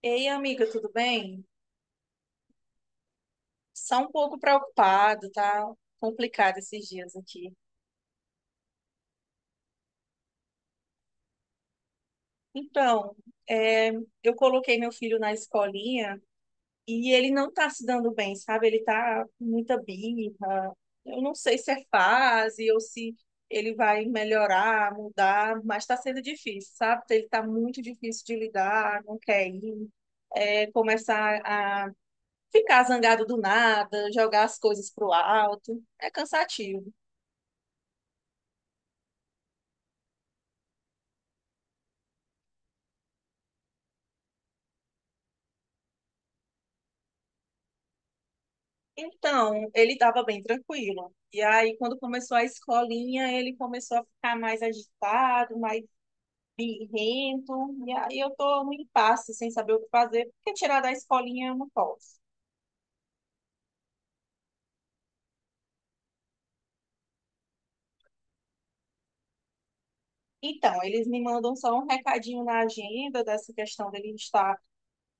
Ei, amiga, tudo bem? Só um pouco preocupado, tá complicado esses dias aqui. Então, é, eu coloquei meu filho na escolinha e ele não tá se dando bem, sabe? Ele tá com muita birra. Eu não sei se é fase ou se ele vai melhorar, mudar, mas tá sendo difícil, sabe? Ele tá muito difícil de lidar, não quer ir, começar a ficar zangado do nada, jogar as coisas pro alto. É cansativo. Então, ele estava bem tranquilo. E aí, quando começou a escolinha, ele começou a ficar mais agitado, mais birrento. E aí, eu tô no impasse, sem saber o que fazer, porque tirar da escolinha eu não posso. Então, eles me mandam só um recadinho na agenda dessa questão dele estar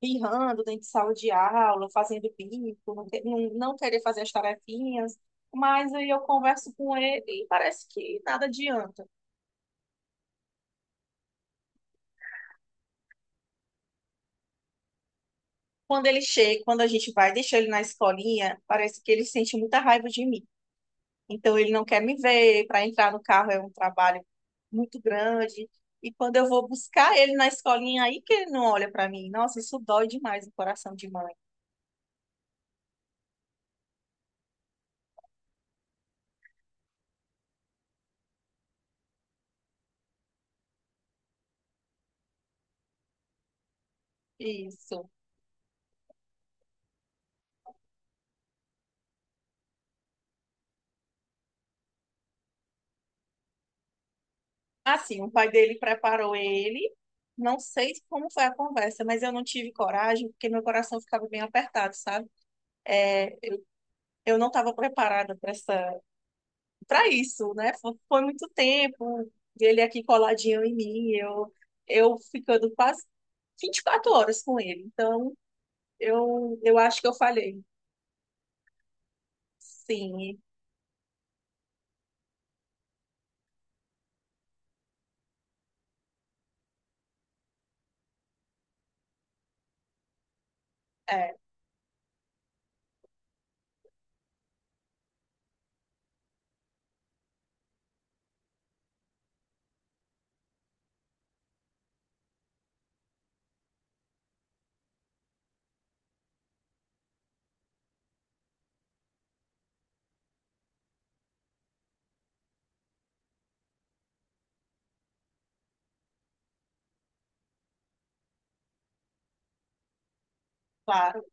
birrando dentro de sala de aula, fazendo bico, não, não querer fazer as tarefinhas. Mas aí eu converso com ele e parece que nada adianta. Quando ele chega, quando a gente vai deixar ele na escolinha, parece que ele sente muita raiva de mim. Então ele não quer me ver, para entrar no carro é um trabalho muito grande. E quando eu vou buscar ele na escolinha, aí que ele não olha para mim. Nossa, isso dói demais no coração de mãe. Isso. Assim, o pai dele preparou ele. Não sei como foi a conversa, mas eu não tive coragem, porque meu coração ficava bem apertado, sabe? Eu não estava preparada para essa para isso, né? Foi muito tempo, ele aqui coladinho em mim, eu ficando quase 24 horas com ele. Então, eu acho que eu falhei. Sim, é, claro.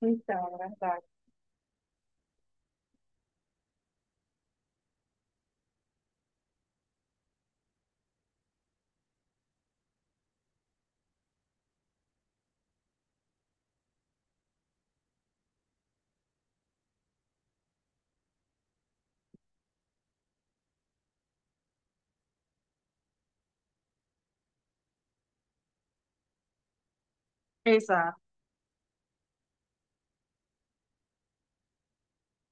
Então, é verdade. Exato.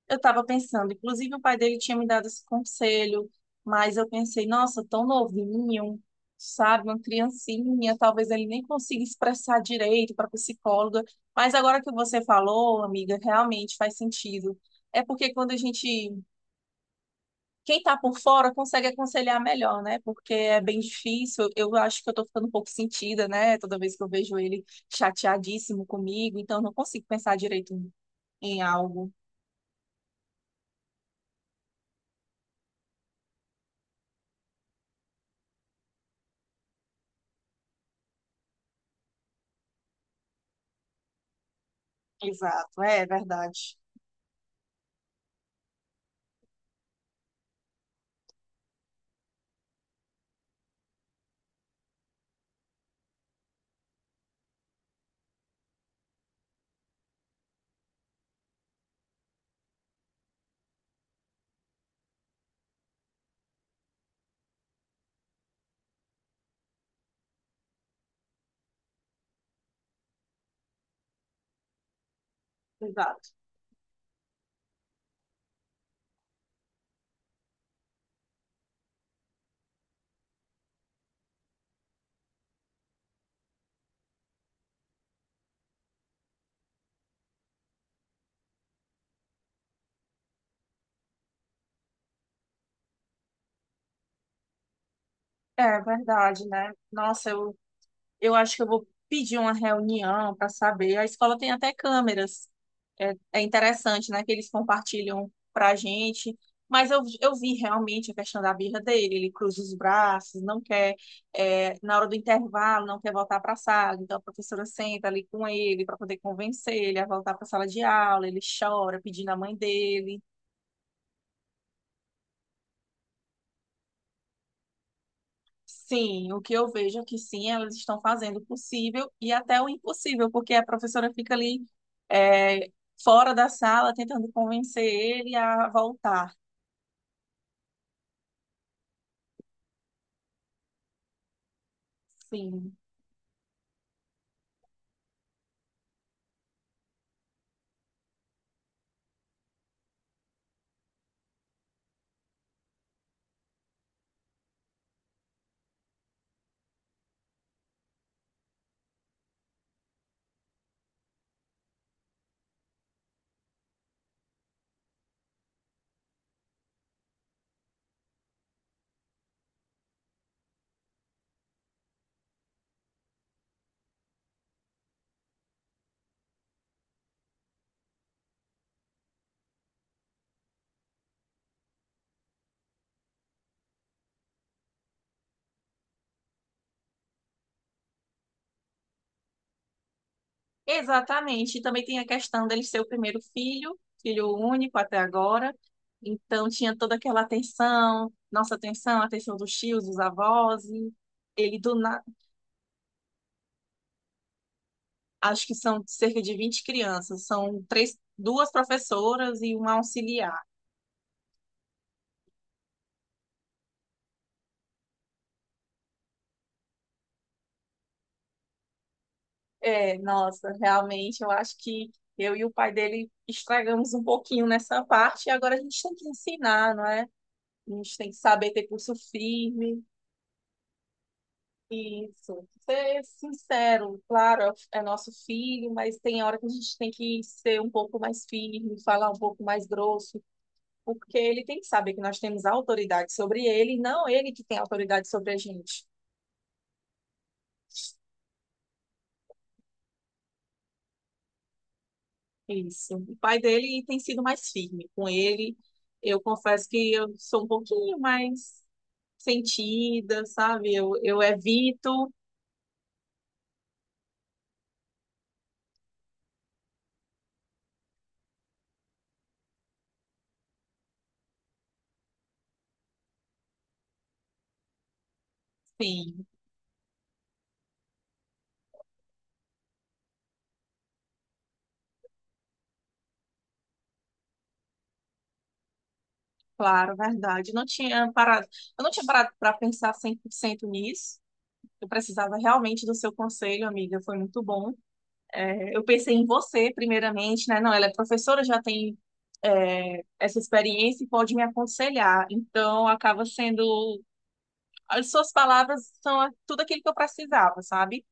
Eu estava pensando, inclusive o pai dele tinha me dado esse conselho, mas eu pensei, nossa, tão novinho, sabe, uma criancinha, talvez ele nem consiga expressar direito para psicóloga. Mas agora que você falou, amiga, realmente faz sentido. É porque quem tá por fora consegue aconselhar melhor, né? Porque é bem difícil. Eu acho que eu tô ficando um pouco sentida, né? Toda vez que eu vejo ele chateadíssimo comigo, então eu não consigo pensar direito em algo. Exato, é verdade. Exato. É verdade, né? Nossa, eu acho que eu vou pedir uma reunião para saber. A escola tem até câmeras. É, é interessante, né, que eles compartilham para a gente. Mas eu vi realmente a questão da birra dele. Ele cruza os braços, não quer, na hora do intervalo, não quer voltar para a sala. Então a professora senta ali com ele para poder convencer ele a voltar para a sala de aula. Ele chora pedindo a mãe dele. Sim, o que eu vejo é que sim, elas estão fazendo o possível e até o impossível, porque a professora fica ali é, fora da sala tentando convencer ele a voltar. Sim, exatamente. E também tem a questão dele ser o primeiro filho, filho único até agora. Então tinha toda aquela atenção, nossa atenção, a atenção dos tios, dos avós. E ele do na... acho que são cerca de 20 crianças, são três, duas professoras e um auxiliar. É, nossa, realmente eu acho que eu e o pai dele estragamos um pouquinho nessa parte e agora a gente tem que ensinar, não é? A gente tem que saber ter curso firme, isso. Ser sincero, claro, é nosso filho, mas tem hora que a gente tem que ser um pouco mais firme, falar um pouco mais grosso, porque ele tem que saber que nós temos autoridade sobre ele, e não ele que tem autoridade sobre a gente. Isso. O pai dele tem sido mais firme com ele. Eu confesso que eu sou um pouquinho mais sentida, sabe? Eu evito, sim, claro, verdade. Não tinha parado, eu não tinha parado para pensar 100% nisso. Eu precisava realmente do seu conselho, amiga. Foi muito bom. É, eu pensei em você, primeiramente, né? Não, ela é professora, já tem, é, essa experiência e pode me aconselhar. Então, acaba sendo as suas palavras são tudo aquilo que eu precisava, sabe?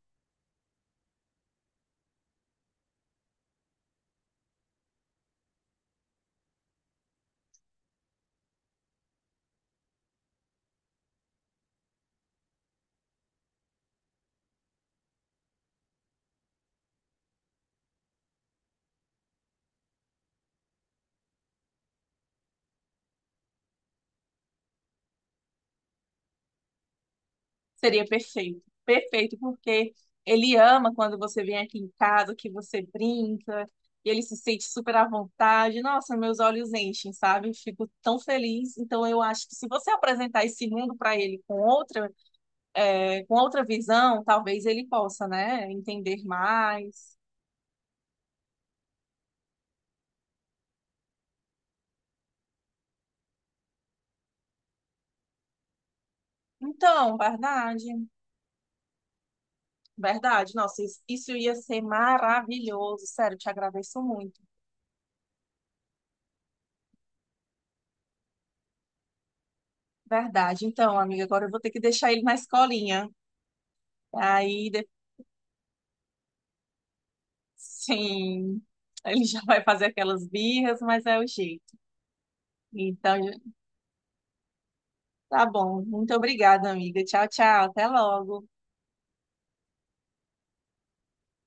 Seria perfeito. Perfeito, porque ele ama quando você vem aqui em casa, que você brinca, e ele se sente super à vontade. Nossa, meus olhos enchem, sabe? Fico tão feliz. Então, eu acho que se você apresentar esse mundo para ele com outra, com outra visão, talvez ele possa, né, entender mais. Então, verdade. Nossa, isso ia ser maravilhoso. Sério, te agradeço muito. Verdade. Então, amiga, agora eu vou ter que deixar ele na escolinha. Aí, de- sim, ele já vai fazer aquelas birras, mas é o jeito. Então, tá bom. Muito obrigada, amiga. Tchau, tchau. Até logo.